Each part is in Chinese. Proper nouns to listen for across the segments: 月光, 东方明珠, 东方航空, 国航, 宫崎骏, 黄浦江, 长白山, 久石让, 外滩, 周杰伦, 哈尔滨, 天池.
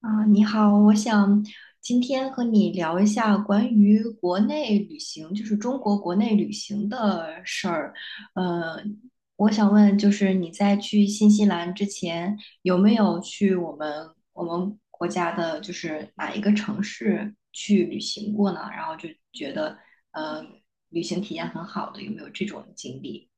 啊，你好，我想今天和你聊一下关于国内旅行，就是中国国内旅行的事儿。呃，我想问，就是你在去新西兰之前，有没有去我们国家的，就是哪一个城市去旅行过呢？然后就觉得，呃，旅行体验很好的，有没有这种经历？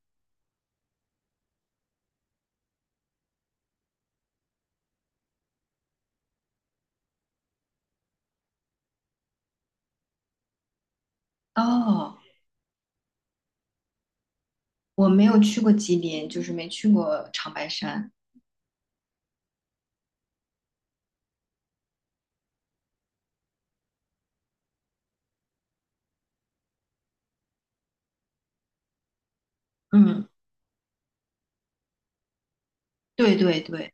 哦，我没有去过吉林，就是没去过长白山。嗯。对对对。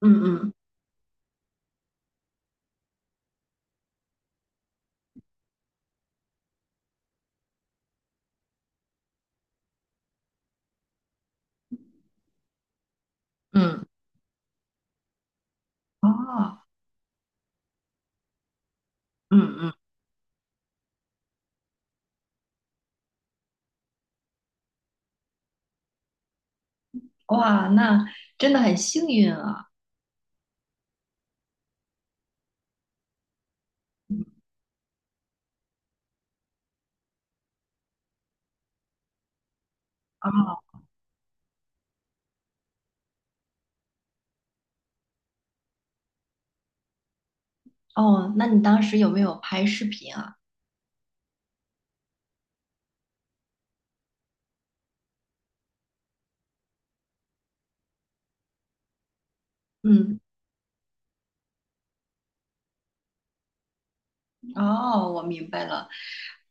嗯嗯。嗯。哦。嗯嗯。哇，那真的很幸运啊。嗯。哦。哦，那你当时有没有拍视频啊？嗯。哦，我明白了。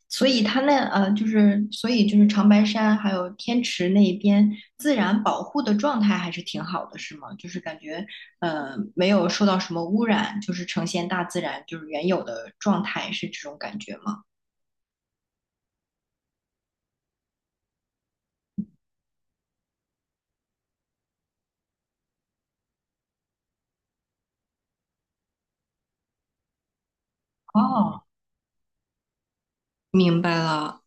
所以它那就是所以就是长白山还有天池那一边自然保护的状态还是挺好的，是吗？就是感觉呃没有受到什么污染，就是呈现大自然就是原有的状态，是这种感觉吗？哦，明白了。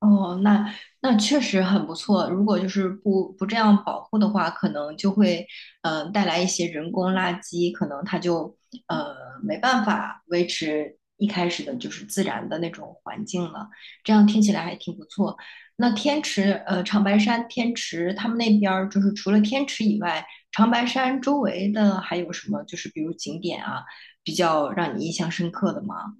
哦，那那确实很不错。如果就是不这样保护的话，可能就会呃带来一些人工垃圾，可能它就呃没办法维持一开始的就是自然的那种环境了。这样听起来还挺不错。那天池长白山天池，他们那边儿就是除了天池以外，长白山周围的还有什么就是比如景点啊，比较让你印象深刻的吗？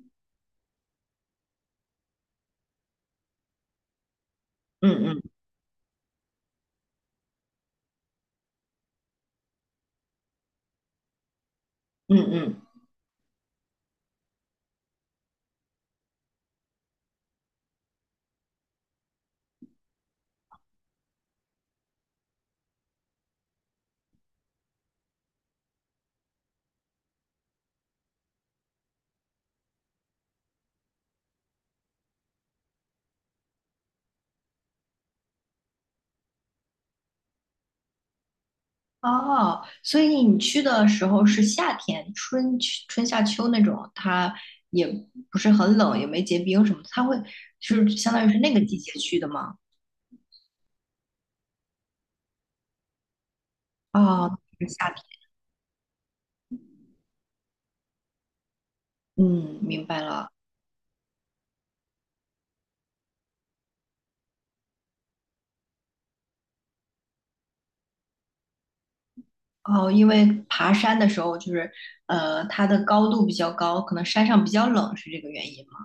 嗯嗯。嗯嗯。哦，所以你去的时候是夏天，春夏秋那种，它也不是很冷，也没结冰什么的它会就是相当于是那个季节去的吗？哦，是夏天。嗯，明白了。哦，因为爬山的时候就是，它的高度比较高，可能山上比较冷，是这个原因吗？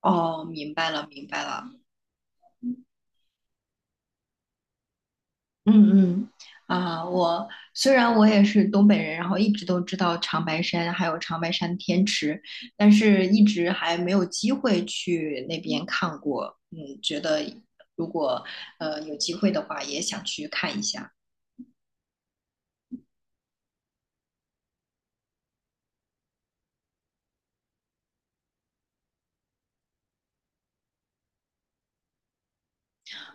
哦，明白了，明白了。嗯嗯。啊，我虽然我也是东北人，然后一直都知道长白山还有长白山天池，但是一直还没有机会去那边看过。嗯，觉得如果有机会的话，也想去看一下。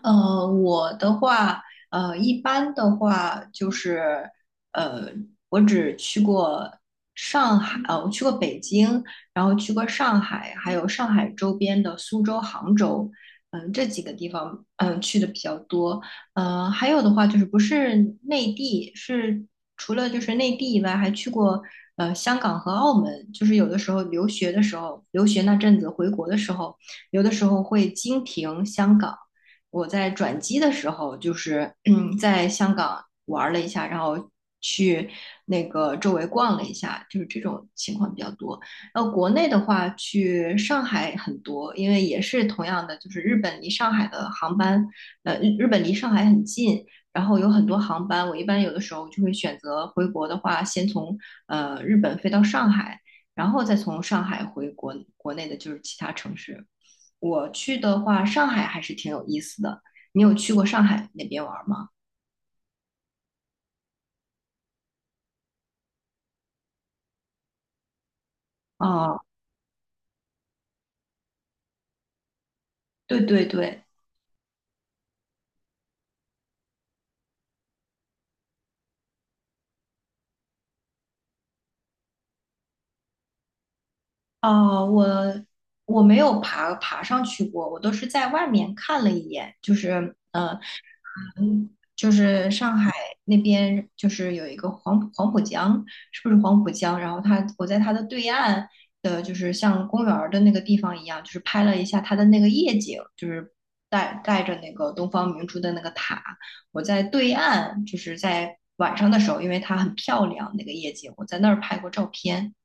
我的话，一般的话就是，呃，我只去过上海，我去过北京，然后去过上海，还有上海周边的苏州、杭州，嗯、这几个地方，嗯、去的比较多。还有的话就是不是内地，是除了就是内地以外，还去过香港和澳门。就是有的时候留学的时候，留学那阵子回国的时候，有的时候会经停香港。我在转机的时候，就是嗯，在香港玩了一下，然后去那个周围逛了一下，就是这种情况比较多。然后国内的话，去上海很多，因为也是同样的，就是日本离上海的航班，日本离上海很近，然后有很多航班，我一般有的时候就会选择回国的话，先从日本飞到上海，然后再从上海回国国内的就是其他城市。我去的话，上海还是挺有意思的。你有去过上海那边玩吗？哦，对对对。哦，我没有爬上去过，我都是在外面看了一眼，就是嗯，就是上海那边，就是有一个黄浦江，是不是黄浦江？然后它，我在它的对岸的，就是像公园儿的那个地方一样，就是拍了一下它的那个夜景，就是带着那个东方明珠的那个塔。我在对岸，就是在晚上的时候，因为它很漂亮，那个夜景，我在那儿拍过照片。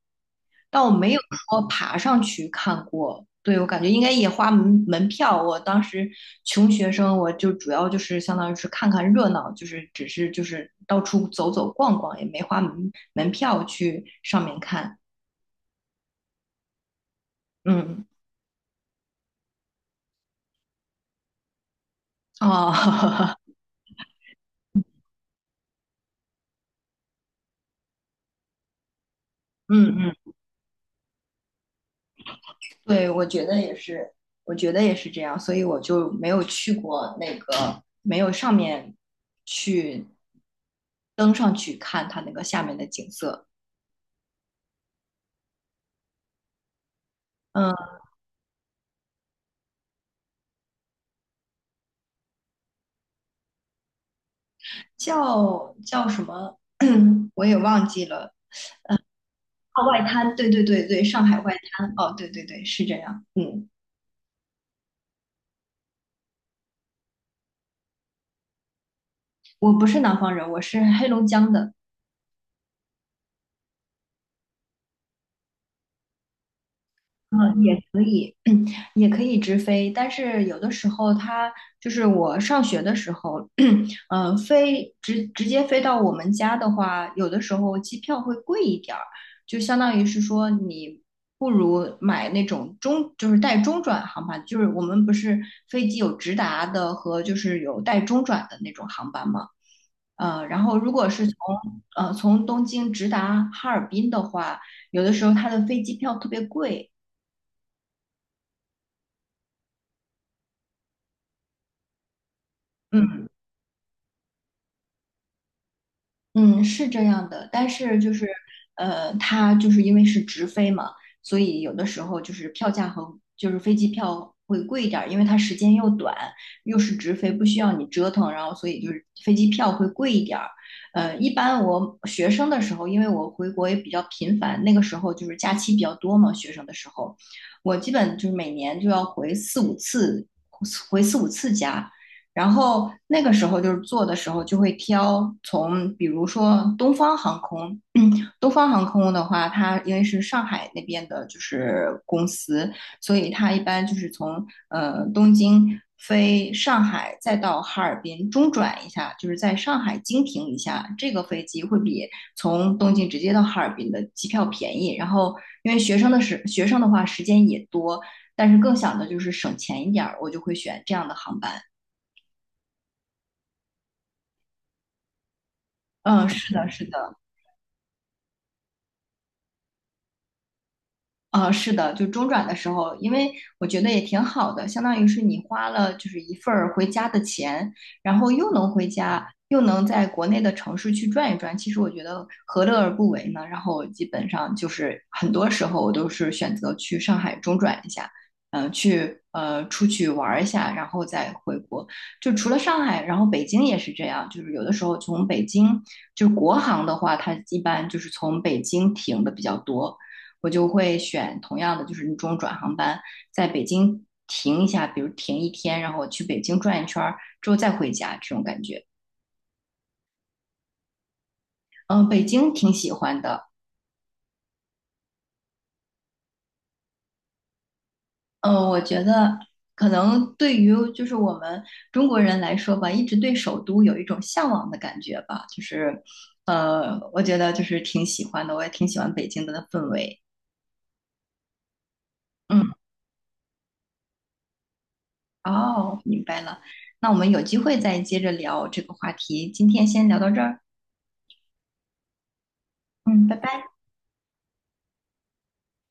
但我没有说爬上去看过。对，我感觉应该也花门票。我当时穷学生，我就主要就是相当于是看看热闹，就是只是就是到处走走逛逛，也没花门票去上面看。嗯。哦。嗯嗯。对，我觉得也是，我觉得也是这样，所以我就没有去过那个，没有上面去登上去看它那个下面的景色。嗯。叫什么？我也忘记了。啊，外滩，对对对对，上海外滩。哦，对对对，是这样。嗯。我不是南方人，我是黑龙江的。嗯，也。嗯，也可以直飞，但是有的时候它就是我上学的时候，嗯，飞直接飞到我们家的话，有的时候机票会贵一点儿，就相当于是说你不如买那种中，就是带中转航班，就是我们不是飞机有直达的和就是有带中转的那种航班嘛，然后如果是从从东京直达哈尔滨的话，有的时候它的飞机票特别贵。嗯。嗯，是这样的，但是就是，它就是因为是直飞嘛，所以有的时候就是票价和就是飞机票会贵一点儿，因为它时间又短，又是直飞，不需要你折腾，然后所以就是飞机票会贵一点儿。一般我学生的时候，因为我回国也比较频繁，那个时候就是假期比较多嘛，学生的时候，我基本就是每年就要回四五次，回四五次家。然后那个时候就是坐的时候就会挑从，比如说东方航空，东方航空的话，它因为是上海那边的，就是公司，所以它一般就是从东京飞上海，再到哈尔滨中转一下，就是在上海经停一下，这个飞机会比从东京直接到哈尔滨的机票便宜。然后因为学生的话时间也多，但是更想的就是省钱一点儿，我就会选这样的航班。嗯，是的，是的。是的，就中转的时候，因为我觉得也挺好的，相当于是你花了就是一份儿回家的钱，然后又能回家，又能在国内的城市去转一转，其实我觉得何乐而不为呢？然后我基本上就是很多时候我都是选择去上海中转一下，嗯、去出去玩儿一下，然后再回国。就除了上海，然后北京也是这样，就是有的时候从北京，就是国航的话，它一般就是从北京停的比较多。我就会选同样的，就是那种转航班，在北京停一下，比如停一天，然后我去北京转一圈儿之后再回家，这种感觉。嗯，北京挺喜欢的。嗯，我觉得可能对于就是我们中国人来说吧，一直对首都有一种向往的感觉吧，就是我觉得就是挺喜欢的，我也挺喜欢北京的氛围。嗯，哦，明白了。那我们有机会再接着聊这个话题，今天先聊到这儿。嗯，拜拜。